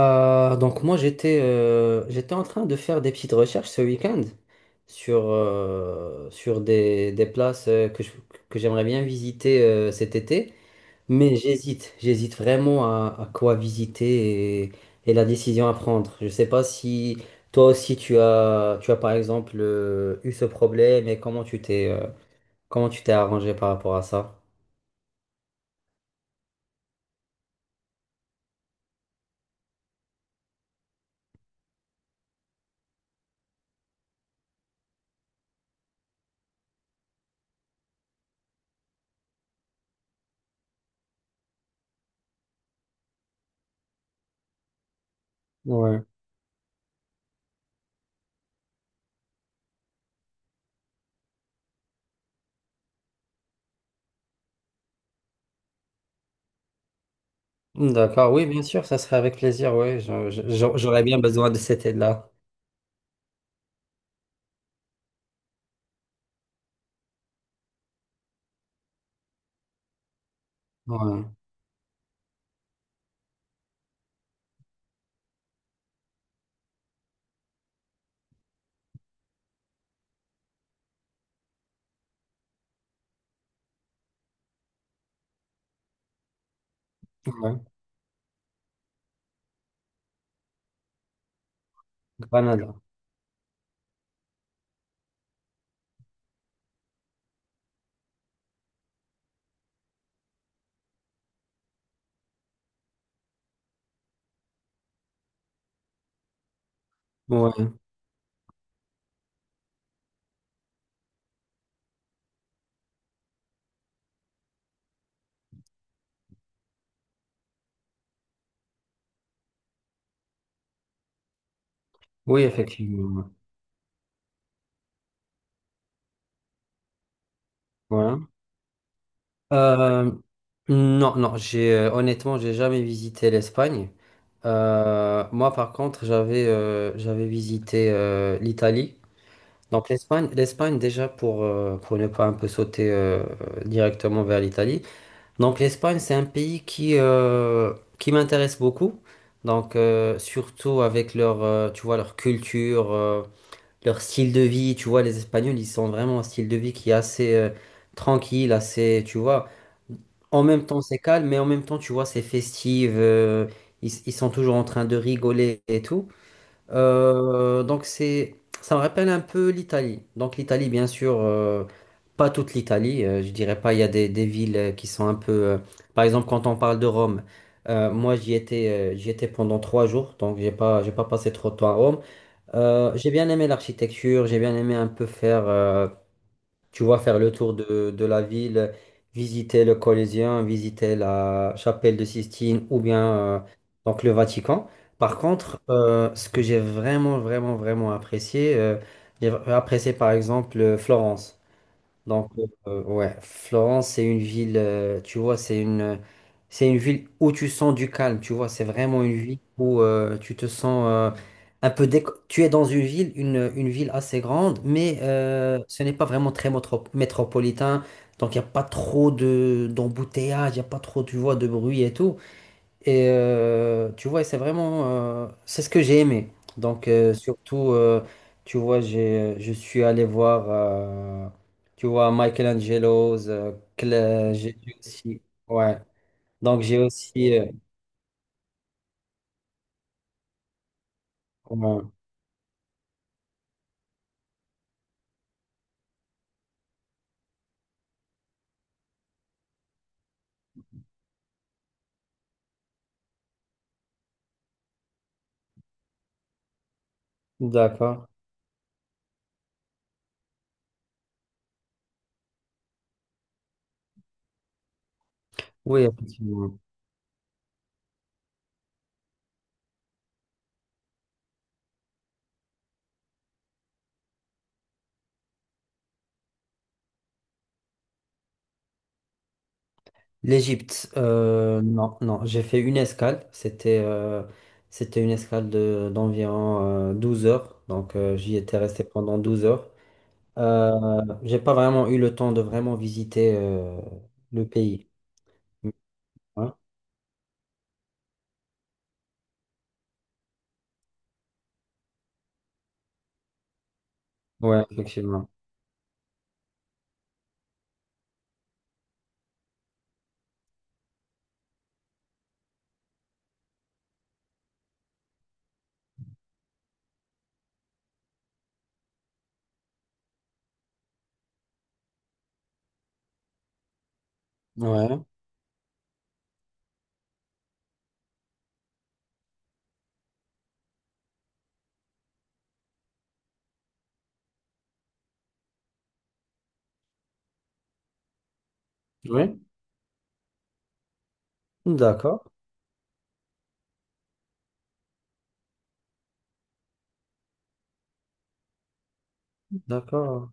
Donc moi j'étais j'étais en train de faire des petites recherches ce week-end sur, sur des places que j'aimerais bien visiter cet été, mais j'hésite vraiment à quoi visiter et la décision à prendre. Je sais pas si toi aussi tu as par exemple eu ce problème et comment tu t'es arrangé par rapport à ça? Ouais. D'accord, oui, bien sûr, ça serait avec plaisir, oui. J'aurais bien besoin de cette aide-là. Ouais, Granada. Ouais. Oui, effectivement. Voilà. Euh, non, non, j'ai honnêtement, j'ai jamais visité l'Espagne. Moi, par contre, j'avais j'avais visité l'Italie. Donc l'Espagne déjà pour ne pas un peu sauter directement vers l'Italie. Donc l'Espagne, c'est un pays qui m'intéresse beaucoup. Donc surtout avec leur tu vois leur culture. Leur style de vie, tu vois, les Espagnols, ils sont vraiment un style de vie qui est assez tranquille, assez, tu vois, en même temps c'est calme, mais en même temps, tu vois, c'est festif, ils sont toujours en train de rigoler et tout. Euh, donc c'est, Ça me rappelle un peu l'Italie. Donc l'Italie, bien sûr, pas toute l'Italie, je dirais pas, il y a des villes qui sont un peu, par exemple, quand on parle de Rome. Moi, j'y étais pendant 3 jours, donc j'ai pas passé trop de temps à Rome. J'ai bien aimé l'architecture, j'ai bien aimé un peu faire, tu vois, faire le tour de la ville, visiter le Colisée, visiter la chapelle de Sistine ou bien euh, donc le Vatican. Par contre, ce que j'ai vraiment, vraiment, vraiment apprécié, j'ai apprécié par exemple Florence. Donc, ouais, Florence, c'est une ville, tu vois, c'est une ville où tu sens du calme, tu vois, c'est vraiment une ville où tu te sens Tu es dans une ville, une ville assez grande, mais ce n'est pas vraiment très métropolitain, donc il n'y a pas trop d'embouteillage, il n'y a pas trop, tu vois, de bruit et tout. Et tu vois, c'est vraiment, c'est ce que j'ai aimé. Donc, tu vois, je suis allé voir, tu vois, Michelangelo's, j'ai aussi, ouais. Donc, j'ai aussi, ouais. D'accord. Oui, effectivement. L'Égypte, non, non, j'ai fait une escale. C'était une escale de, d'environ 12 heures. Donc, j'y étais resté pendant 12 heures. J'ai pas vraiment eu le temps de vraiment visiter le pays. Ouais, ouais, effectivement. Ouais. Oui. D'accord, d'accord.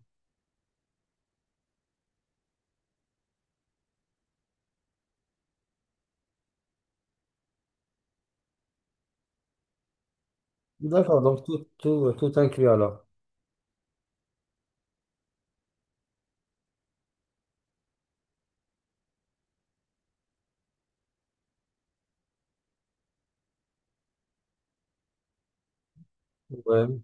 D'accord, donc tout, tout, tout inclus alors. Ouais.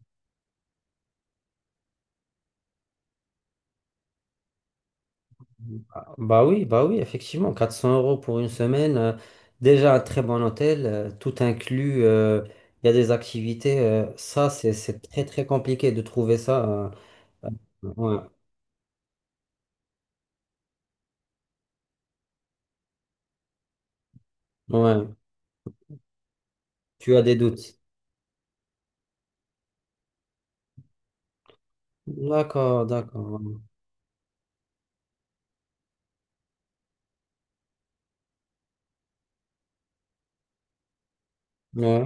Bah bah oui, effectivement. 400 euros pour une semaine, déjà un très bon hôtel, tout inclus, il y a des activités. Ça, c'est très très compliqué de trouver ça. Ouais, ouais. Tu as des doutes. D'accord, d'accord. Ouais.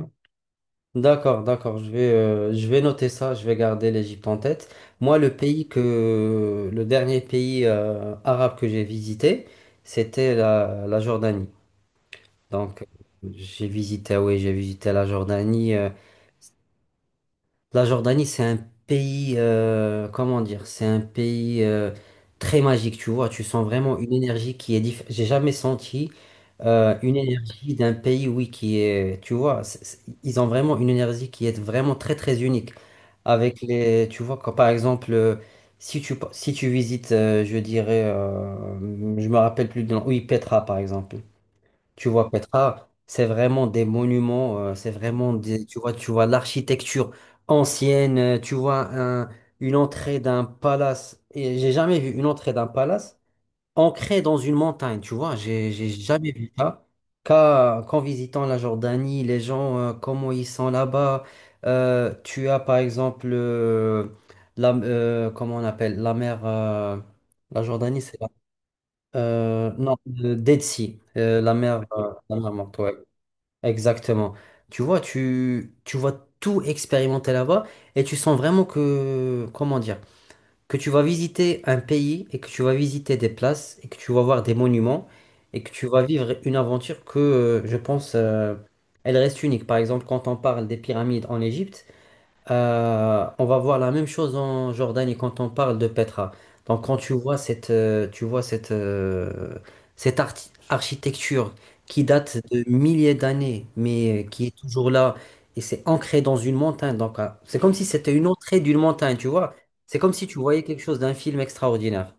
D'accord, d'accord, je vais noter ça, je vais garder l'Égypte en tête. Moi, le dernier pays arabe que j'ai visité, c'était la Jordanie. Donc, j'ai visité, ah oui, j'ai visité la Jordanie. La Jordanie, c'est un pays, comment dire, c'est un pays très magique, tu vois. Tu sens vraiment une énergie qui est différente. J'ai jamais senti une énergie d'un pays, oui, qui est, tu vois, ils ont vraiment une énergie qui est vraiment très, très unique. Avec les, tu vois, quand par exemple, si tu visites, je dirais, je me rappelle plus de nom, oui, Petra, par exemple. Tu vois, Petra, c'est vraiment des monuments, c'est vraiment des, tu vois l'architecture ancienne, une entrée d'un palace. Et j'ai jamais vu une entrée d'un palace ancrée dans une montagne, tu vois, j'ai jamais vu ça. Qu'en visitant la Jordanie, les gens, comment ils sont là-bas. Tu as par exemple, la, comment on appelle, la mer, la Jordanie, c'est non, de Dead Sea, la mer morte, ouais. Exactement. Tu vois, tu vas tout expérimenter là-bas et tu sens vraiment que, comment dire, que tu vas visiter un pays et que tu vas visiter des places et que tu vas voir des monuments et que tu vas vivre une aventure que, je pense, elle reste unique. Par exemple, quand on parle des pyramides en Égypte, on va voir la même chose en Jordanie quand on parle de Petra. Donc quand tu vois cette, cette architecture qui date de milliers d'années, mais qui est toujours là, et c'est ancré dans une montagne. Donc c'est comme si c'était une entrée d'une montagne, tu vois. C'est comme si tu voyais quelque chose d'un film extraordinaire.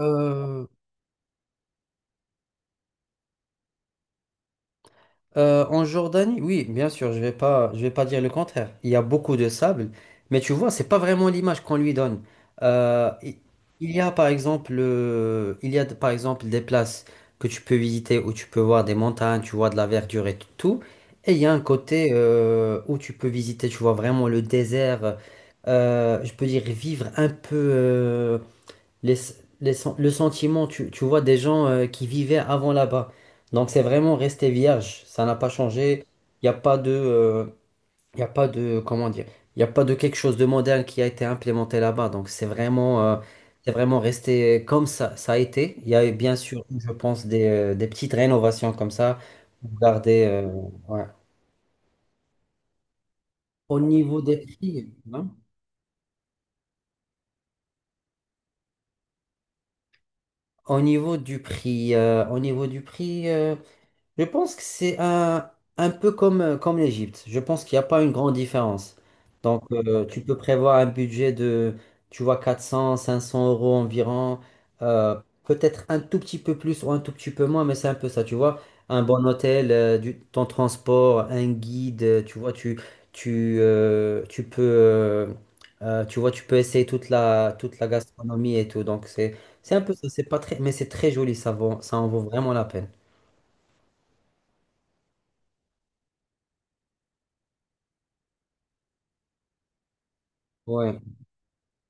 Euh, En Jordanie, oui, bien sûr, je vais pas dire le contraire. Il y a beaucoup de sable, mais tu vois, c'est pas vraiment l'image qu'on lui donne. Euh, i- il y a par exemple, il y a par exemple des places que tu peux visiter où tu peux voir des montagnes, tu vois de la verdure et tout. Et il y a un côté où tu peux visiter, tu vois vraiment le désert. Je peux dire vivre un peu. Les- le sentiment, tu vois, des gens qui vivaient avant là-bas. Donc c'est vraiment resté vierge, ça n'a pas changé. Il n'y a pas de, comment dire, il n'y a pas de quelque chose de moderne qui a été implémenté là-bas. Donc c'est vraiment resté comme ça a été. Il y a bien sûr, je pense, des petites rénovations comme ça pour garder. Ouais. Au niveau des prix, hein, au niveau du prix, je pense que un peu comme, comme l'Égypte. Je pense qu'il n'y a pas une grande différence. Donc, tu peux prévoir un budget de, tu vois, 400, 500 euros environ. euh, Peut-être un tout petit peu plus ou un tout petit peu moins, mais c'est un peu ça, tu vois. Un bon hôtel, ton transport, un guide, tu vois, tu peux, tu vois, tu peux essayer toute toute la gastronomie et tout. C'est un peu ça. C'est pas très, mais c'est très joli. Ça en vaut vraiment la peine. Ouais.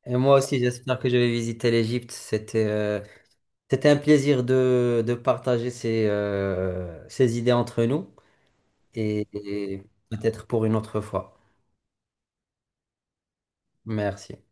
Et moi aussi, j'espère que je vais visiter l'Égypte. C'était c'était un plaisir de partager ces, ces idées entre nous et peut-être pour une autre fois. Merci.